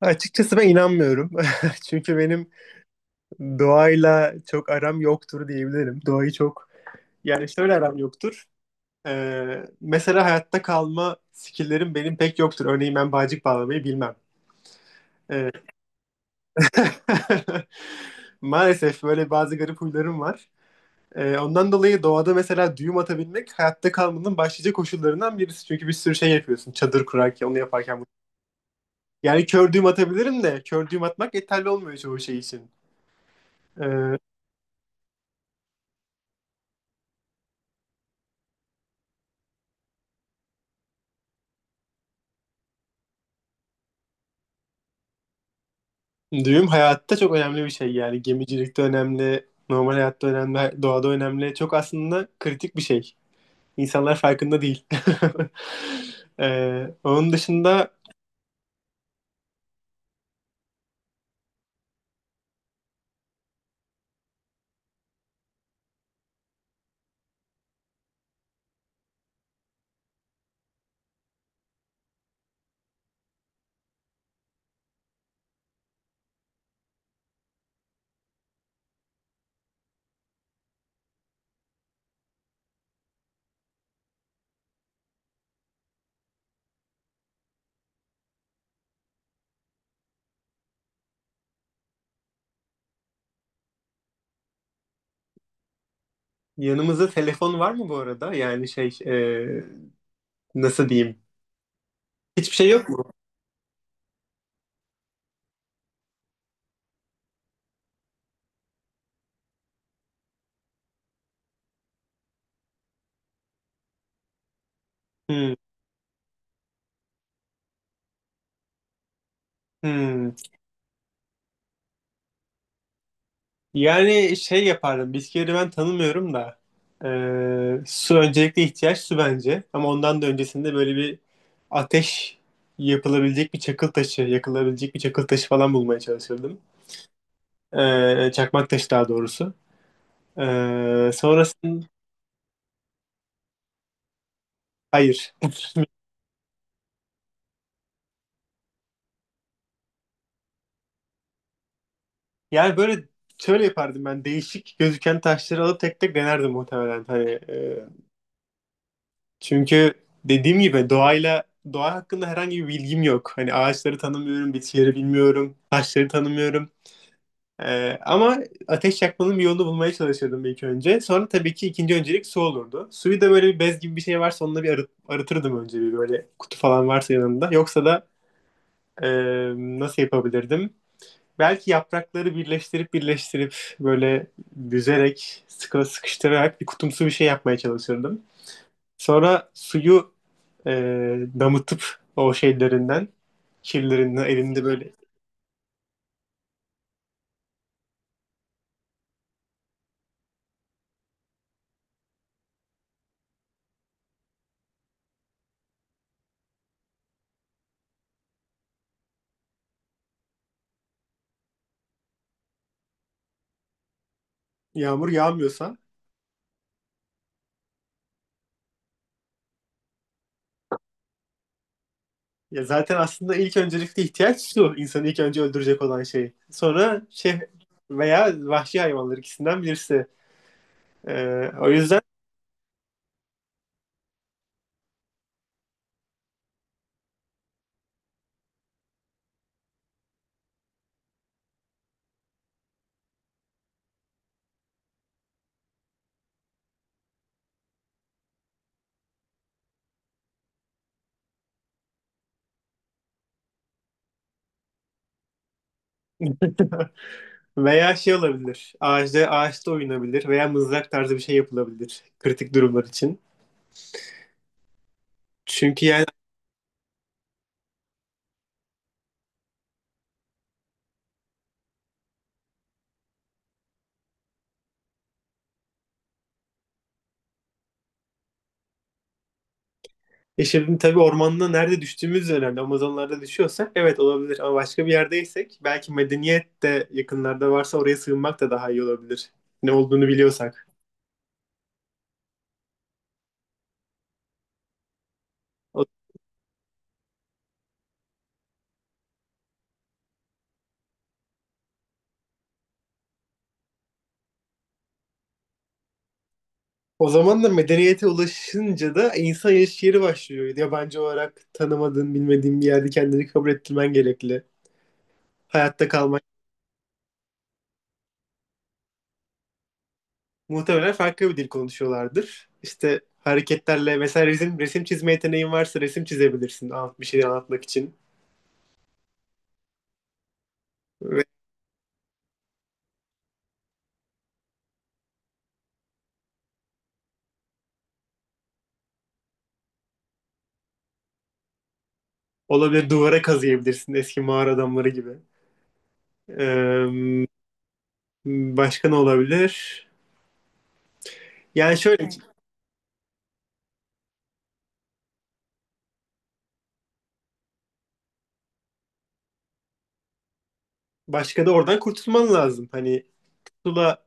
Açıkçası ben inanmıyorum. Çünkü benim doğayla çok aram yoktur diyebilirim. Doğayı çok yani şöyle aram yoktur. Mesela hayatta kalma skill'lerim benim pek yoktur. Örneğin ben bağcık bağlamayı bilmem. Ee, Maalesef böyle bazı garip huylarım var. Ondan dolayı doğada mesela düğüm atabilmek hayatta kalmanın başlıca koşullarından birisi. Çünkü bir sürü şey yapıyorsun. Çadır kurarken, onu yaparken. Yani kör düğüm atabilirim de kör düğüm atmak yeterli olmuyor çoğu şey için. Ee, Düğüm hayatta çok önemli bir şey yani. Gemicilikte önemli, normal hayatta önemli, doğada önemli. Çok aslında kritik bir şey. İnsanlar farkında değil. Onun dışında yanımızda telefon var mı bu arada? Yani şey, nasıl diyeyim? Hiçbir şey yok mu? Hmm, hmm. Yani şey yapardım. Bisküvileri ben tanımıyorum da. Su öncelikle ihtiyaç su bence. Ama ondan da öncesinde böyle bir ateş yapılabilecek bir çakıl taşı, yakılabilecek bir çakıl taşı falan bulmaya çalışırdım. Çakmak taşı daha doğrusu. Sonrasında. Hayır. Yani böyle şöyle yapardım ben. Değişik gözüken taşları alıp tek tek denerdim muhtemelen. Hani, çünkü dediğim gibi doğa hakkında herhangi bir bilgim yok. Hani ağaçları tanımıyorum, bitkileri bilmiyorum, taşları tanımıyorum. Ama ateş yakmanın bir yolunu bulmaya çalışırdım ilk önce. Sonra tabii ki ikinci öncelik su olurdu. Suyu da böyle bir bez gibi bir şey varsa onunla bir arıtırdım önce, bir böyle kutu falan varsa yanımda. Yoksa da e, nasıl yapabilirdim? Belki yaprakları birleştirip birleştirip böyle büzerek, sıkı sıkıştırarak bir kutumsu bir şey yapmaya çalışırdım. Sonra suyu e, damıtıp o şeylerinden, kirlerinden elinde böyle. Yağmur yağmıyorsa, ya zaten aslında ilk öncelikli ihtiyaç su. İnsanı ilk önce öldürecek olan şey. Sonra şey veya vahşi hayvanlar, ikisinden birisi. O yüzden veya şey olabilir. Ağaçta oynanabilir veya mızrak tarzı bir şey yapılabilir kritik durumlar için. Çünkü yani, şimdi tabii ormanda nerede düştüğümüz önemli. Amazonlarda düşüyorsak evet olabilir ama başka bir yerdeysek belki medeniyet de yakınlarda varsa oraya sığınmak da daha iyi olabilir. Ne olduğunu biliyorsak. O, o zaman da medeniyete ulaşınca da insan yaşayış yeri başlıyor. Yabancı olarak tanımadığın, bilmediğin bir yerde kendini kabul ettirmen gerekli. Hayatta kalmak. Muhtemelen farklı bir dil konuşuyorlardır. İşte hareketlerle mesela resim çizme yeteneğin varsa resim çizebilirsin, anlat, bir şeyleri anlatmak için. Olabilir, duvara kazıyabilirsin eski mağara adamları gibi. Ee, başka ne olabilir? Yani şöyle. Evet. Başka da oradan kurtulman lazım. Hani pusula.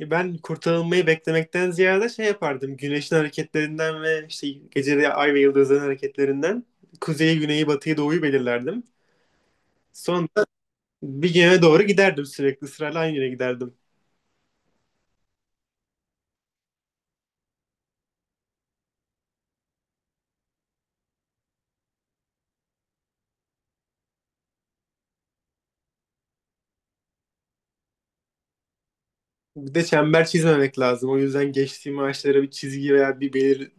Ben kurtarılmayı beklemekten ziyade şey yapardım. Güneşin hareketlerinden ve işte gece ay ve yıldızların hareketlerinden kuzeyi, güneyi, batıyı, doğuyu belirlerdim. Sonra bir yöne doğru giderdim, sürekli sırayla aynı yere giderdim. Bir de çember çizmemek lazım. O yüzden geçtiğim ağaçlara bir çizgi veya bir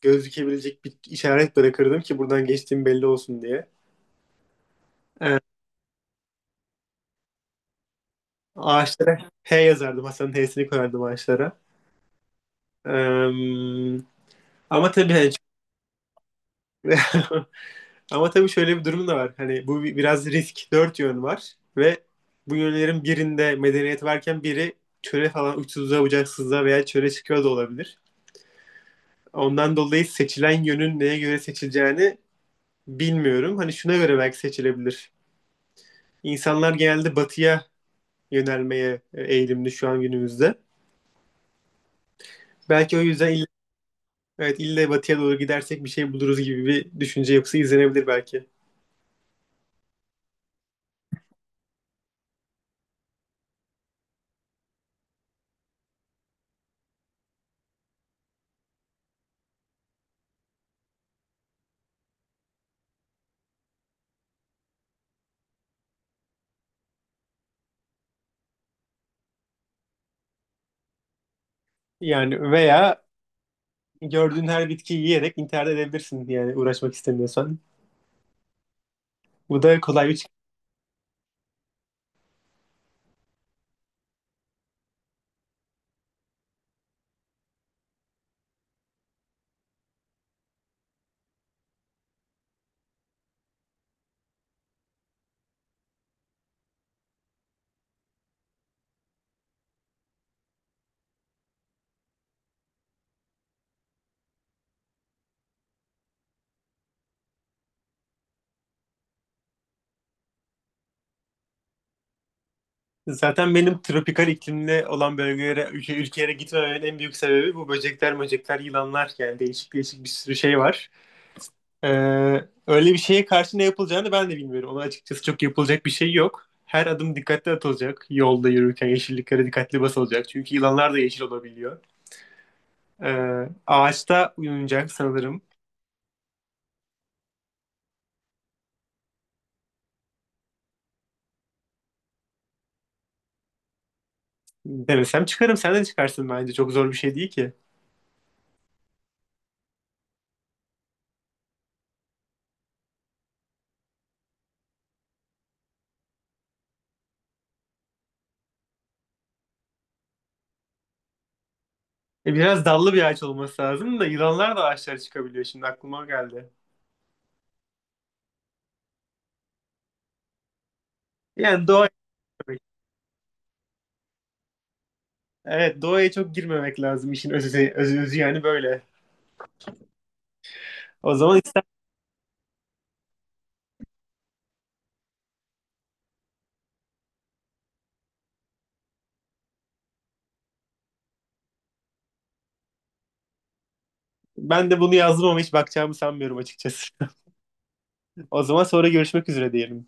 gözükebilecek bir işaret bırakırdım ki buradan geçtiğim belli olsun diye. Ee, ağaçlara H yazardım. Hasan'ın H'sini koyardım ağaçlara. Ee, ama tabii hani. Ama tabii şöyle bir durum da var. Hani bu biraz risk. Dört yön var ve bu yönlerin birinde medeniyet varken biri çöle falan, uçsuzluğa bucaksızlığa veya çöle çıkıyor da olabilir. Ondan dolayı seçilen yönün neye göre seçileceğini bilmiyorum. Hani şuna göre belki seçilebilir. İnsanlar genelde batıya yönelmeye eğilimli şu an günümüzde. Belki o yüzden ille, evet, ille batıya doğru gidersek bir şey buluruz gibi bir düşünce yapısı izlenebilir belki. Yani, veya gördüğün her bitkiyi yiyerek intihar edebilirsin yani, uğraşmak istemiyorsan. Bu da kolay bir. Zaten benim tropikal iklimli olan bölgelere, ülkelere gitmememin en büyük sebebi bu böcekler, yılanlar, yani değişik değişik bir sürü şey var. Ee, öyle bir şeye karşı ne yapılacağını ben de bilmiyorum. Ona açıkçası çok yapılacak bir şey yok. Her adım dikkatli atılacak. Yolda yürürken yeşilliklere dikkatli basılacak. Çünkü yılanlar da yeşil olabiliyor. Ağaçta uyunacak sanırım. Denesem çıkarım. Sen de çıkarsın bence. Çok zor bir şey değil ki. Biraz dallı bir ağaç olması lazım da yılanlar da ağaçlara çıkabiliyor. Şimdi aklıma geldi. Yani doğa, evet, doğaya çok girmemek lazım, işin özü yani böyle. O zaman ister, ben de bunu yazdım ama hiç bakacağımı sanmıyorum açıkçası. O zaman sonra görüşmek üzere diyelim.